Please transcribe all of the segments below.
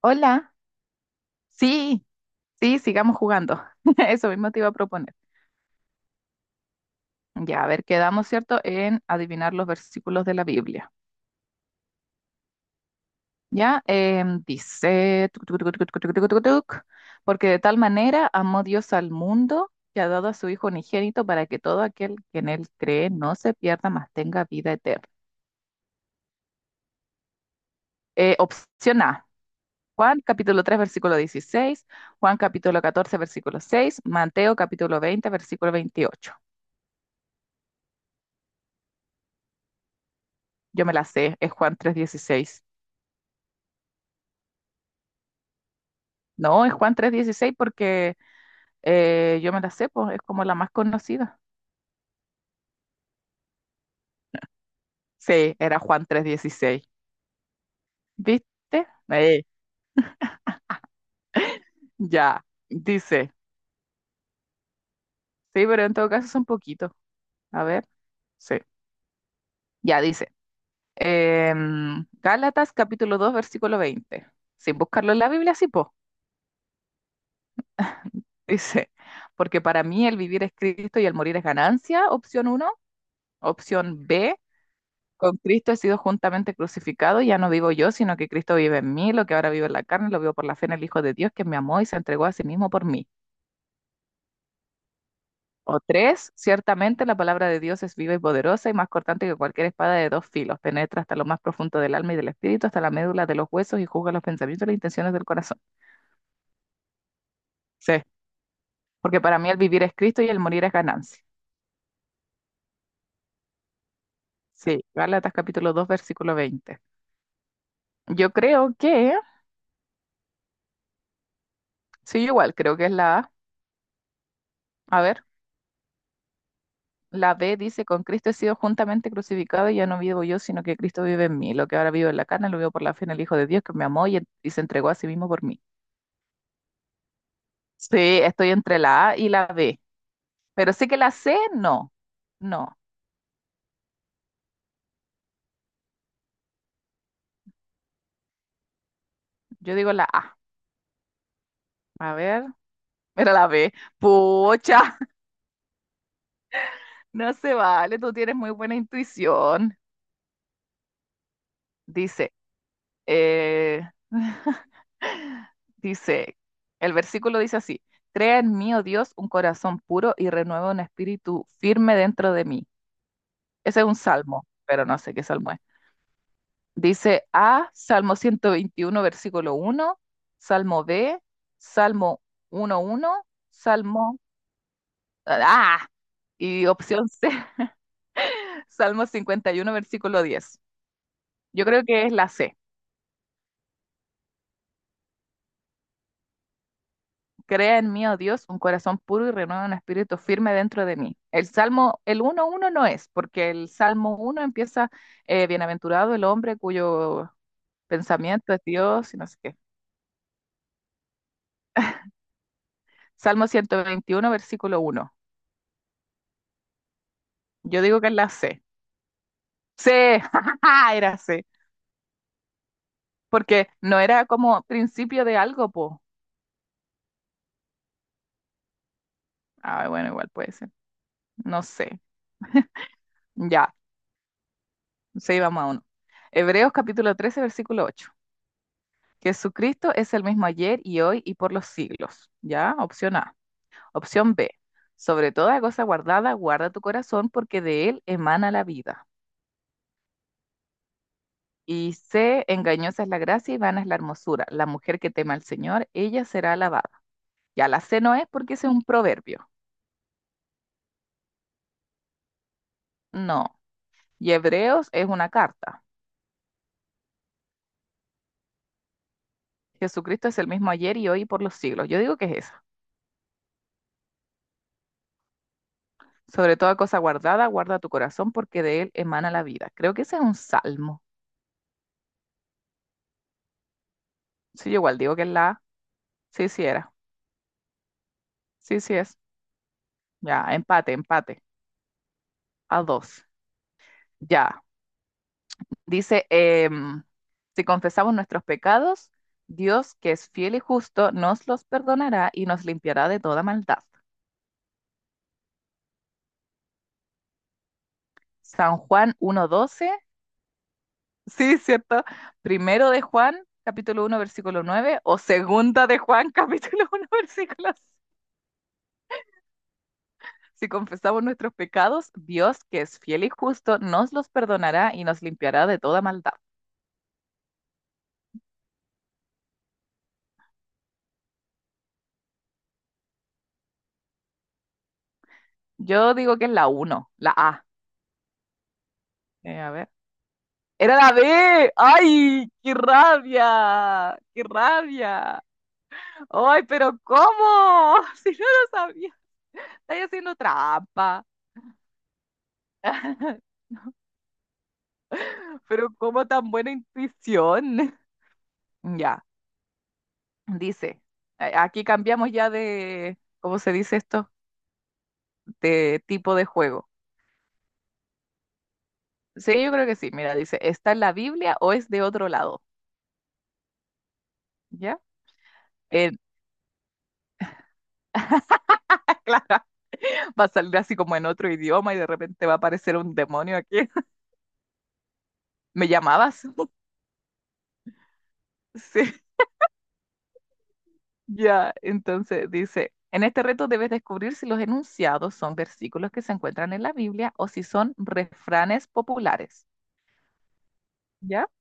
Hola, sí, sí, sigamos jugando. Eso mismo te iba a proponer. Ya, a ver, quedamos, ¿cierto?, en adivinar los versículos de la Biblia. Ya, dice, tuc, tuc, tuc, tuc, tuc, tuc, tuc, tuc, tuc, porque de tal manera amó Dios al mundo que ha dado a su Hijo unigénito para que todo aquel que en él cree no se pierda, mas tenga vida eterna. Opción A, Juan capítulo 3 versículo 16. Juan capítulo 14 versículo 6. Mateo capítulo 20 versículo 28. Yo me la sé, es Juan tres 16. No, es Juan tres 16 porque yo me la sé, pues, es como la más conocida. Sí, era Juan tres 16. ¿Viste? Eh, ya, dice. Sí, pero en todo caso son poquitos. A ver, sí, ya dice. Gálatas capítulo 2 versículo 20. Sin buscarlo en la Biblia, sí, po. Dice, porque para mí el vivir es Cristo y el morir es ganancia, opción uno. Opción B, con Cristo he sido juntamente crucificado, ya no vivo yo, sino que Cristo vive en mí, lo que ahora vivo en la carne, lo vivo por la fe en el Hijo de Dios, que me amó y se entregó a sí mismo por mí. O tres, ciertamente la palabra de Dios es viva y poderosa y más cortante que cualquier espada de dos filos, penetra hasta lo más profundo del alma y del espíritu, hasta la médula de los huesos y juzga los pensamientos y las intenciones del corazón. Sí, porque para mí el vivir es Cristo y el morir es ganancia. Sí, Gálatas capítulo 2 versículo 20. Yo creo que, sí, yo igual, creo que es la A. A ver. La B dice, con Cristo he sido juntamente crucificado y ya no vivo yo, sino que Cristo vive en mí. Lo que ahora vivo en la carne lo vivo por la fe en el Hijo de Dios que me amó y se entregó a sí mismo por mí. Sí, estoy entre la A y la B, pero sí que la C no, no, yo digo la A. A ver, era la B. Pucha, no se vale, tú tienes muy buena intuición. Dice, eh, dice, el versículo dice así, crea en mí, oh Dios, un corazón puro y renueva un espíritu firme dentro de mí. Ese es un salmo, pero no sé qué salmo es. Dice A, Salmo 121 versículo uno, Salmo B, Salmo uno uno, Salmo... Ah, y opción C, Salmo 51 versículo 10. Yo creo que es la C. Crea en mí, oh Dios, un corazón puro y renueva un espíritu firme dentro de mí. El Salmo, el uno uno no es, porque el Salmo uno empieza, bienaventurado el hombre cuyo pensamiento es Dios y no sé qué. Salmo 121 versículo uno. Yo digo que es la C. C, jajaja, era C. Porque no era como principio de algo, po. Ah, bueno, igual puede ser. No sé. Ya, sí, vamos a uno. Hebreos capítulo 13 versículo 8. Jesucristo es el mismo ayer y hoy y por los siglos. Ya, opción A. Opción B. Sobre toda cosa guardada, guarda tu corazón porque de él emana la vida. Y C, engañosa es la gracia y vana es la hermosura. La mujer que teme al Señor, ella será alabada. Ya la C no es porque ese es un proverbio. No, y Hebreos es una carta. Jesucristo es el mismo ayer y hoy y por los siglos. Yo digo que es esa. Sobre toda cosa guardada, guarda tu corazón porque de él emana la vida. Creo que ese es un salmo. Sí, yo igual digo que es la A. Sí, sí era. Sí, sí es. Ya, empate, empate. A dos. Ya. Dice, si confesamos nuestros pecados, Dios, que es fiel y justo, nos los perdonará y nos limpiará de toda maldad. San Juan uno 12. Sí, ¿cierto? Primero de Juan, capítulo uno, versículo 9, o segunda de Juan, capítulo uno, versículo 6. Si confesamos nuestros pecados, Dios, que es fiel y justo, nos los perdonará y nos limpiará de toda maldad. Yo digo que es la uno, la A. A ver. Era la B. ¡Ay, qué rabia! ¡Qué rabia! ¡Ay, pero cómo! Si no lo sabía. Estáis haciendo trampa. Pero cómo tan buena intuición. Ya. Dice, aquí cambiamos ya de, ¿cómo se dice esto? De tipo de juego. Sí, yo creo que sí. Mira, dice, ¿está en la Biblia o es de otro lado? ¿Ya? En, claro, va a salir así como en otro idioma y de repente va a aparecer un demonio aquí. ¿Me llamabas? Sí, ya. Entonces dice, en este reto debes descubrir si los enunciados son versículos que se encuentran en la Biblia o si son refranes populares. ¿Ya?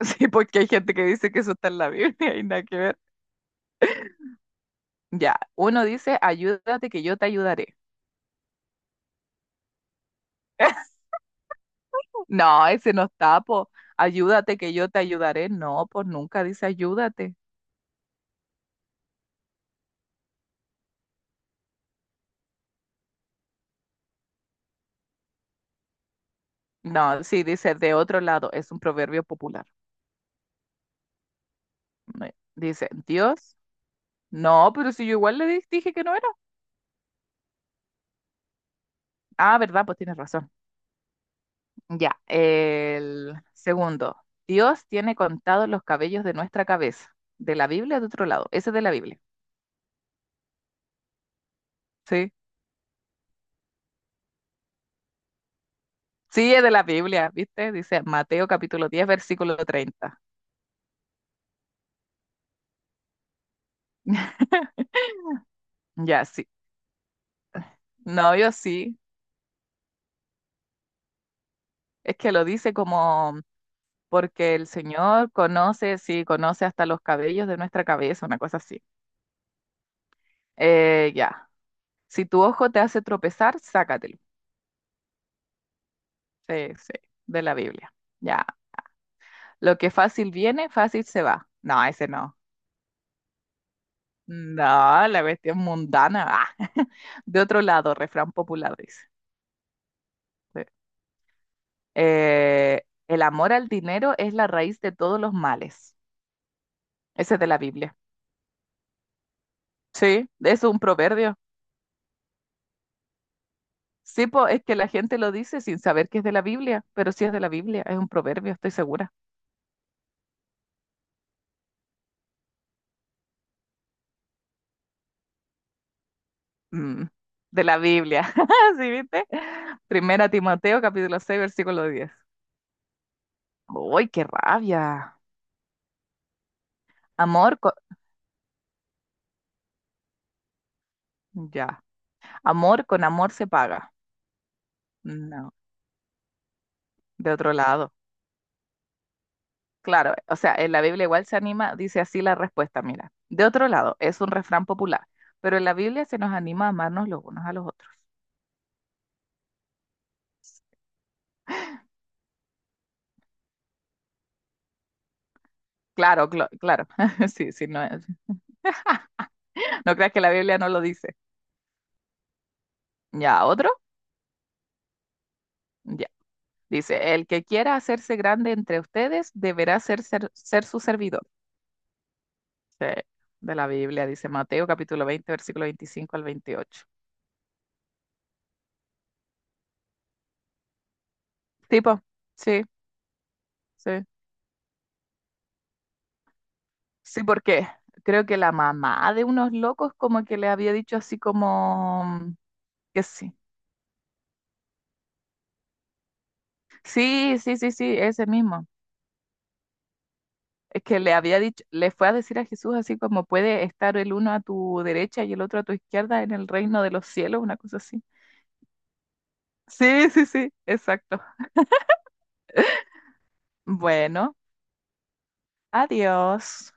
Sí, porque hay gente que dice que eso está en la Biblia y nada que ver. Ya, uno dice, ayúdate que yo te ayudaré. No, ese no está, po. Ayúdate que yo te ayudaré. No, pues nunca dice ayúdate. No, sí, dice de otro lado. Es un proverbio popular. Dice, Dios. No, pero si yo igual dije que no era. Ah, verdad, pues tienes razón. Ya, el segundo. Dios tiene contados los cabellos de nuestra cabeza. De la Biblia de otro lado. Ese es de la Biblia. Sí. Sí, es de la Biblia, ¿viste? Dice Mateo capítulo 10 versículo 30. Ya, sí. No, yo sí. Es que lo dice como porque el Señor conoce, sí, conoce hasta los cabellos de nuestra cabeza, una cosa así. Ya. Si tu ojo te hace tropezar, sácatelo. Sí, sí, de la Biblia. Ya. Lo que fácil viene, fácil se va. No, ese no. No, la cuestión mundana. Ah. De otro lado, refrán popular dice. Sí. El amor al dinero es la raíz de todos los males. Ese es de la Biblia. Sí, es un proverbio. Sí, po, es que la gente lo dice sin saber que es de la Biblia, pero sí es de la Biblia, es un proverbio, estoy segura. Mm, de la Biblia, ¿sí viste? Primera Timoteo, capítulo 6 versículo 10. ¡Uy, qué rabia! Amor con... Ya, amor con amor se paga. No, de otro lado. Claro, o sea, en la Biblia igual se anima, dice así la respuesta, mira. De otro lado, es un refrán popular, pero en la Biblia se nos anima a amarnos los unos a los otros. Claro, claro, sí, sí, no, no creas que la Biblia no lo dice. Ya, otro. Ya. Dice, el que quiera hacerse grande entre ustedes deberá ser su servidor. Sí, de la Biblia, dice Mateo capítulo 20 versículo 25 al 28. Tipo, sí, sí. Sí, porque creo que la mamá de unos locos como que le había dicho así como que sí. Sí, sí, sí, sí, ese mismo. Es que le había dicho, le fue a decir a Jesús así como puede estar el uno a tu derecha y el otro a tu izquierda en el reino de los cielos, una cosa así. Sí, sí, sí, exacto. Bueno, adiós.